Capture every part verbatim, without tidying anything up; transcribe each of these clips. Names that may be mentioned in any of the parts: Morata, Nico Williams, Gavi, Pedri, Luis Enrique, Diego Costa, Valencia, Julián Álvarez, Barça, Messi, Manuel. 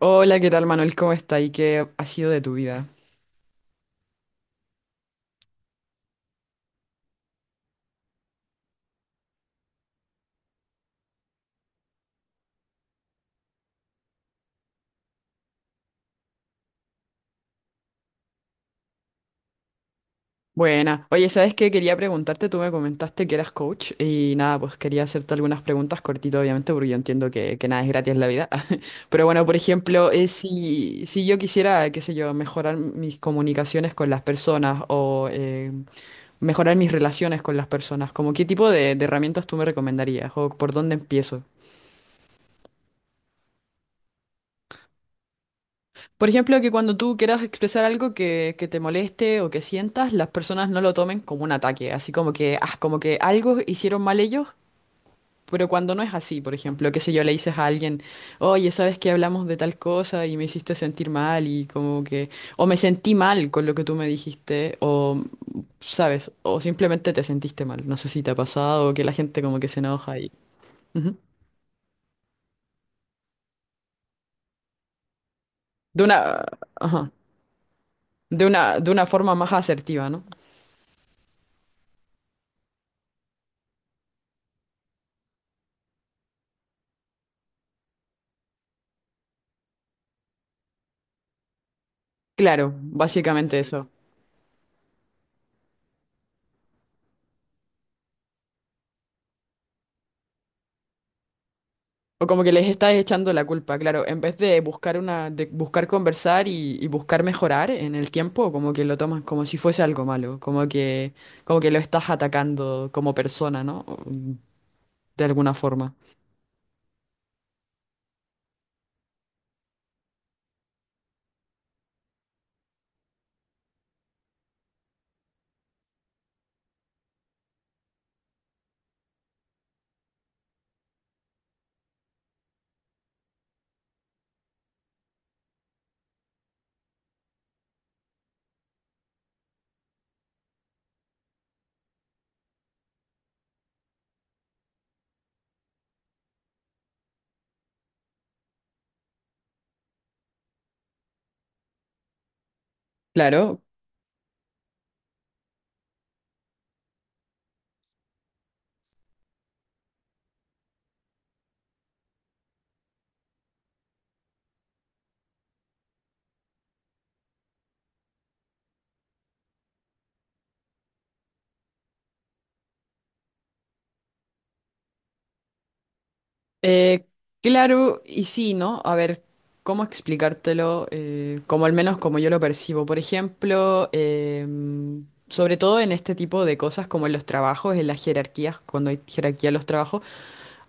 Hola, ¿qué tal Manuel? ¿Cómo está? ¿Y qué ha sido de tu vida? Buena. Oye, ¿sabes qué? Quería preguntarte, tú me comentaste que eras coach y nada, pues quería hacerte algunas preguntas cortito, obviamente, porque yo entiendo que, que nada es gratis en la vida. Pero bueno, por ejemplo, eh, si, si yo quisiera, qué sé yo, mejorar mis comunicaciones con las personas o eh, mejorar mis relaciones con las personas, ¿como qué tipo de, de herramientas tú me recomendarías o por dónde empiezo? Por ejemplo, que cuando tú quieras expresar algo que, que te moleste o que sientas, las personas no lo tomen como un ataque, así como que, ah, como que algo hicieron mal ellos, pero cuando no es así, por ejemplo, qué sé yo, le dices a alguien, oye, ¿sabes que hablamos de tal cosa y me hiciste sentir mal? Y como que, o me sentí mal con lo que tú me dijiste, o ¿sabes? O simplemente te sentiste mal, no sé si te ha pasado, o que la gente como que se enoja y... Ujú. De una, ajá, de una, de una forma más asertiva, ¿no? Claro, básicamente eso. O como que les estás echando la culpa, claro, en vez de buscar una, de buscar conversar y, y buscar mejorar en el tiempo, como que lo tomas como si fuese algo malo, como que, como que lo estás atacando como persona, ¿no? De alguna forma. Claro, eh, claro, y sí, ¿no? A ver, ¿cómo explicártelo? Eh, como al menos como yo lo percibo. Por ejemplo, em, sobre todo en este tipo de cosas como en los trabajos, en las jerarquías, cuando hay jerarquía en los trabajos.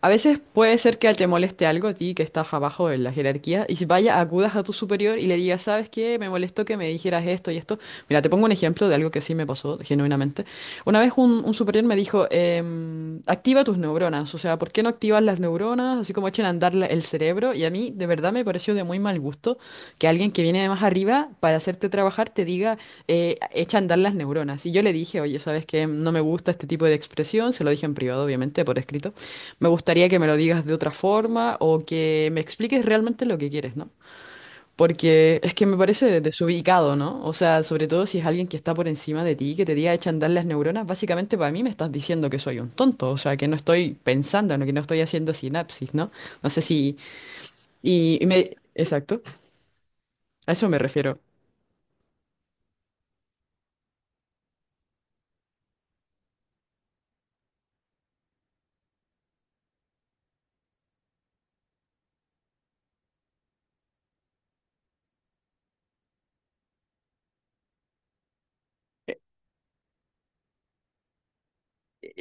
A veces puede ser que te moleste algo a ti que estás abajo en la jerarquía y si vaya, acudas a tu superior y le digas, ¿sabes qué? Me molestó que me dijeras esto y esto. Mira, te pongo un ejemplo de algo que sí me pasó genuinamente. Una vez un, un superior me dijo, em, activa tus neuronas, o sea, ¿por qué no activas las neuronas? Así como echen a andar la- el cerebro, y a mí de verdad me pareció de muy mal gusto que alguien que viene de más arriba para hacerte trabajar te diga, eh, echa a andar las neuronas. Y yo le dije, oye, ¿sabes qué? No me gusta este tipo de expresión, se lo dije en privado, obviamente, por escrito. Me gustaría que me lo digas de otra forma o que me expliques realmente lo que quieres, ¿no? Porque es que me parece desubicado, ¿no? O sea, sobre todo si es alguien que está por encima de ti, que te diga echan andar las neuronas, básicamente para mí me estás diciendo que soy un tonto, o sea, que no estoy pensando, ¿no? Que no estoy haciendo sinapsis, ¿no? No sé si... Y, y me... Exacto, a eso me refiero.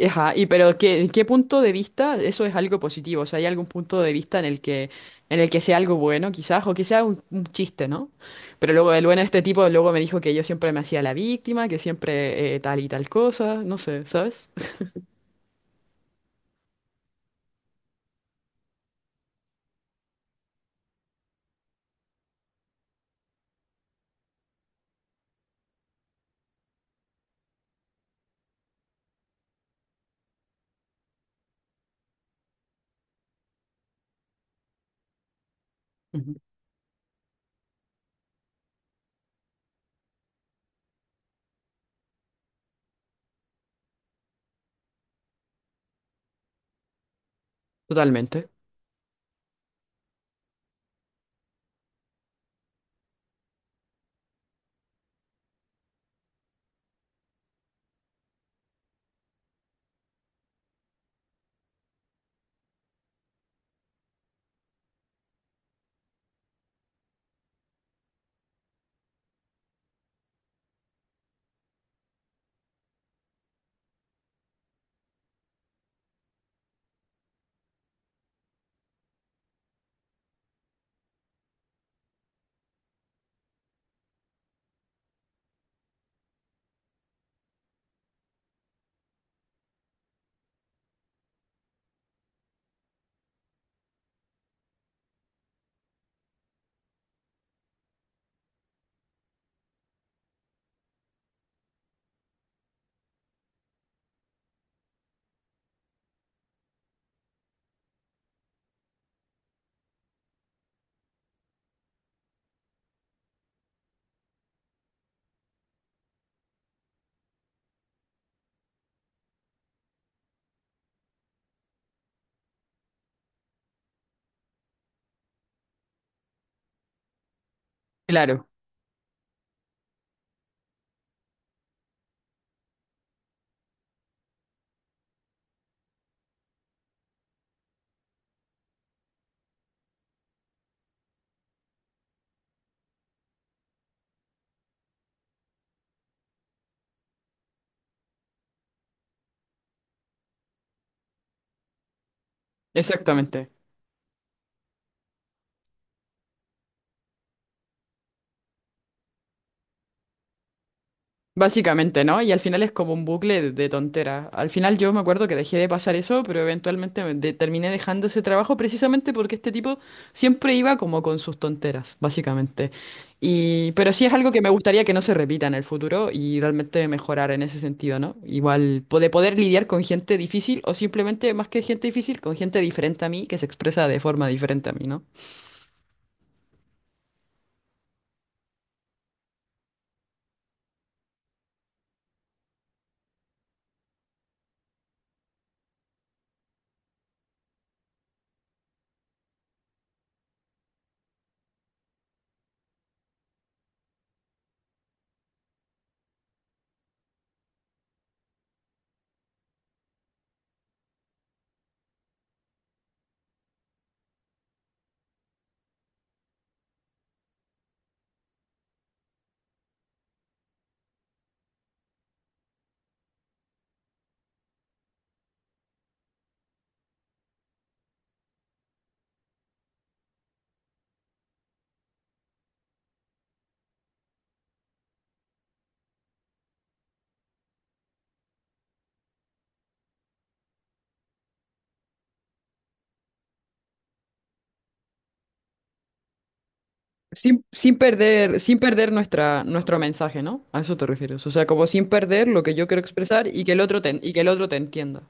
Ajá, y pero ¿qué, qué punto de vista? ¿Eso es algo positivo? O sea, ¿hay algún punto de vista en el que, en el que sea algo bueno, quizás, o que sea un, un chiste, ¿no? Pero luego el bueno de este tipo luego me dijo que yo siempre me hacía la víctima, que siempre eh, tal y tal cosa, no sé, ¿sabes? Ujú. Totalmente. Claro, exactamente. Básicamente, ¿no? Y al final es como un bucle de, de tontera. Al final yo me acuerdo que dejé de pasar eso, pero eventualmente me de- terminé dejando ese trabajo precisamente porque este tipo siempre iba como con sus tonteras, básicamente. Y, pero sí es algo que me gustaría que no se repita en el futuro y realmente mejorar en ese sentido, ¿no? Igual po- de poder lidiar con gente difícil o simplemente más que gente difícil, con gente diferente a mí que se expresa de forma diferente a mí, ¿no? Sin, sin perder, sin perder nuestra, nuestro mensaje, ¿no? A eso te refieres. O sea, como sin perder lo que yo quiero expresar y que el otro te, y que el otro te entienda.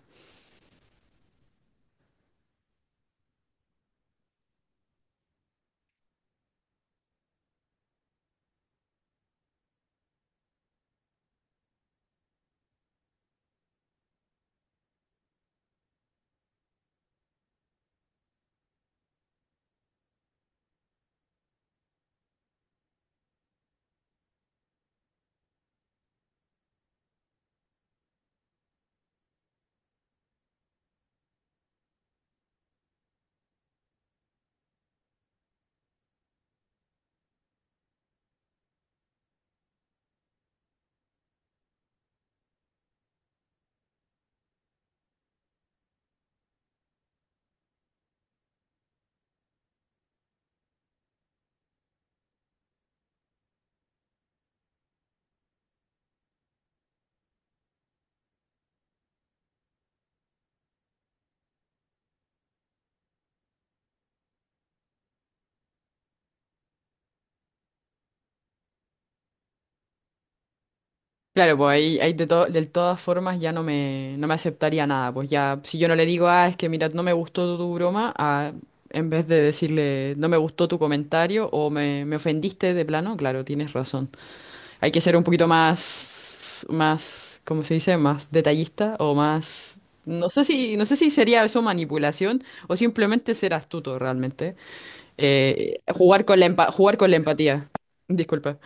Claro, pues ahí, ahí de, to- de todas formas ya no me, no me aceptaría nada. Pues ya, si yo no le digo, ah, es que mira, no me gustó tu broma, ah, en vez de decirle, no me gustó tu comentario o me, me ofendiste de plano, claro, tienes razón. Hay que ser un poquito más, más, ¿cómo se dice? Más detallista o más... No sé si, no sé si sería eso manipulación o simplemente ser astuto realmente. Eh, jugar con la empa- jugar con la empatía. Disculpa.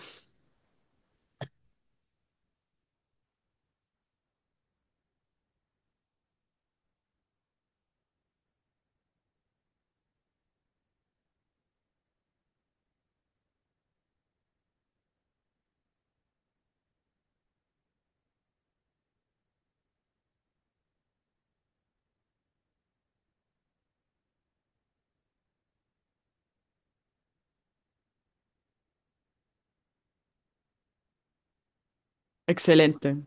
Excelente.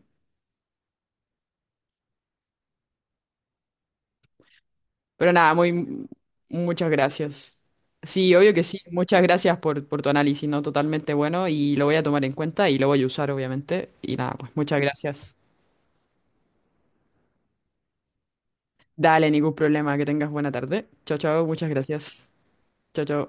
Pero nada, muy, muchas gracias. Sí, obvio que sí. Muchas gracias por, por tu análisis, ¿no? Totalmente bueno y lo voy a tomar en cuenta y lo voy a usar, obviamente. Y nada, pues muchas gracias. Dale, ningún problema. Que tengas buena tarde. Chao, chao. Muchas gracias. Chao, chao.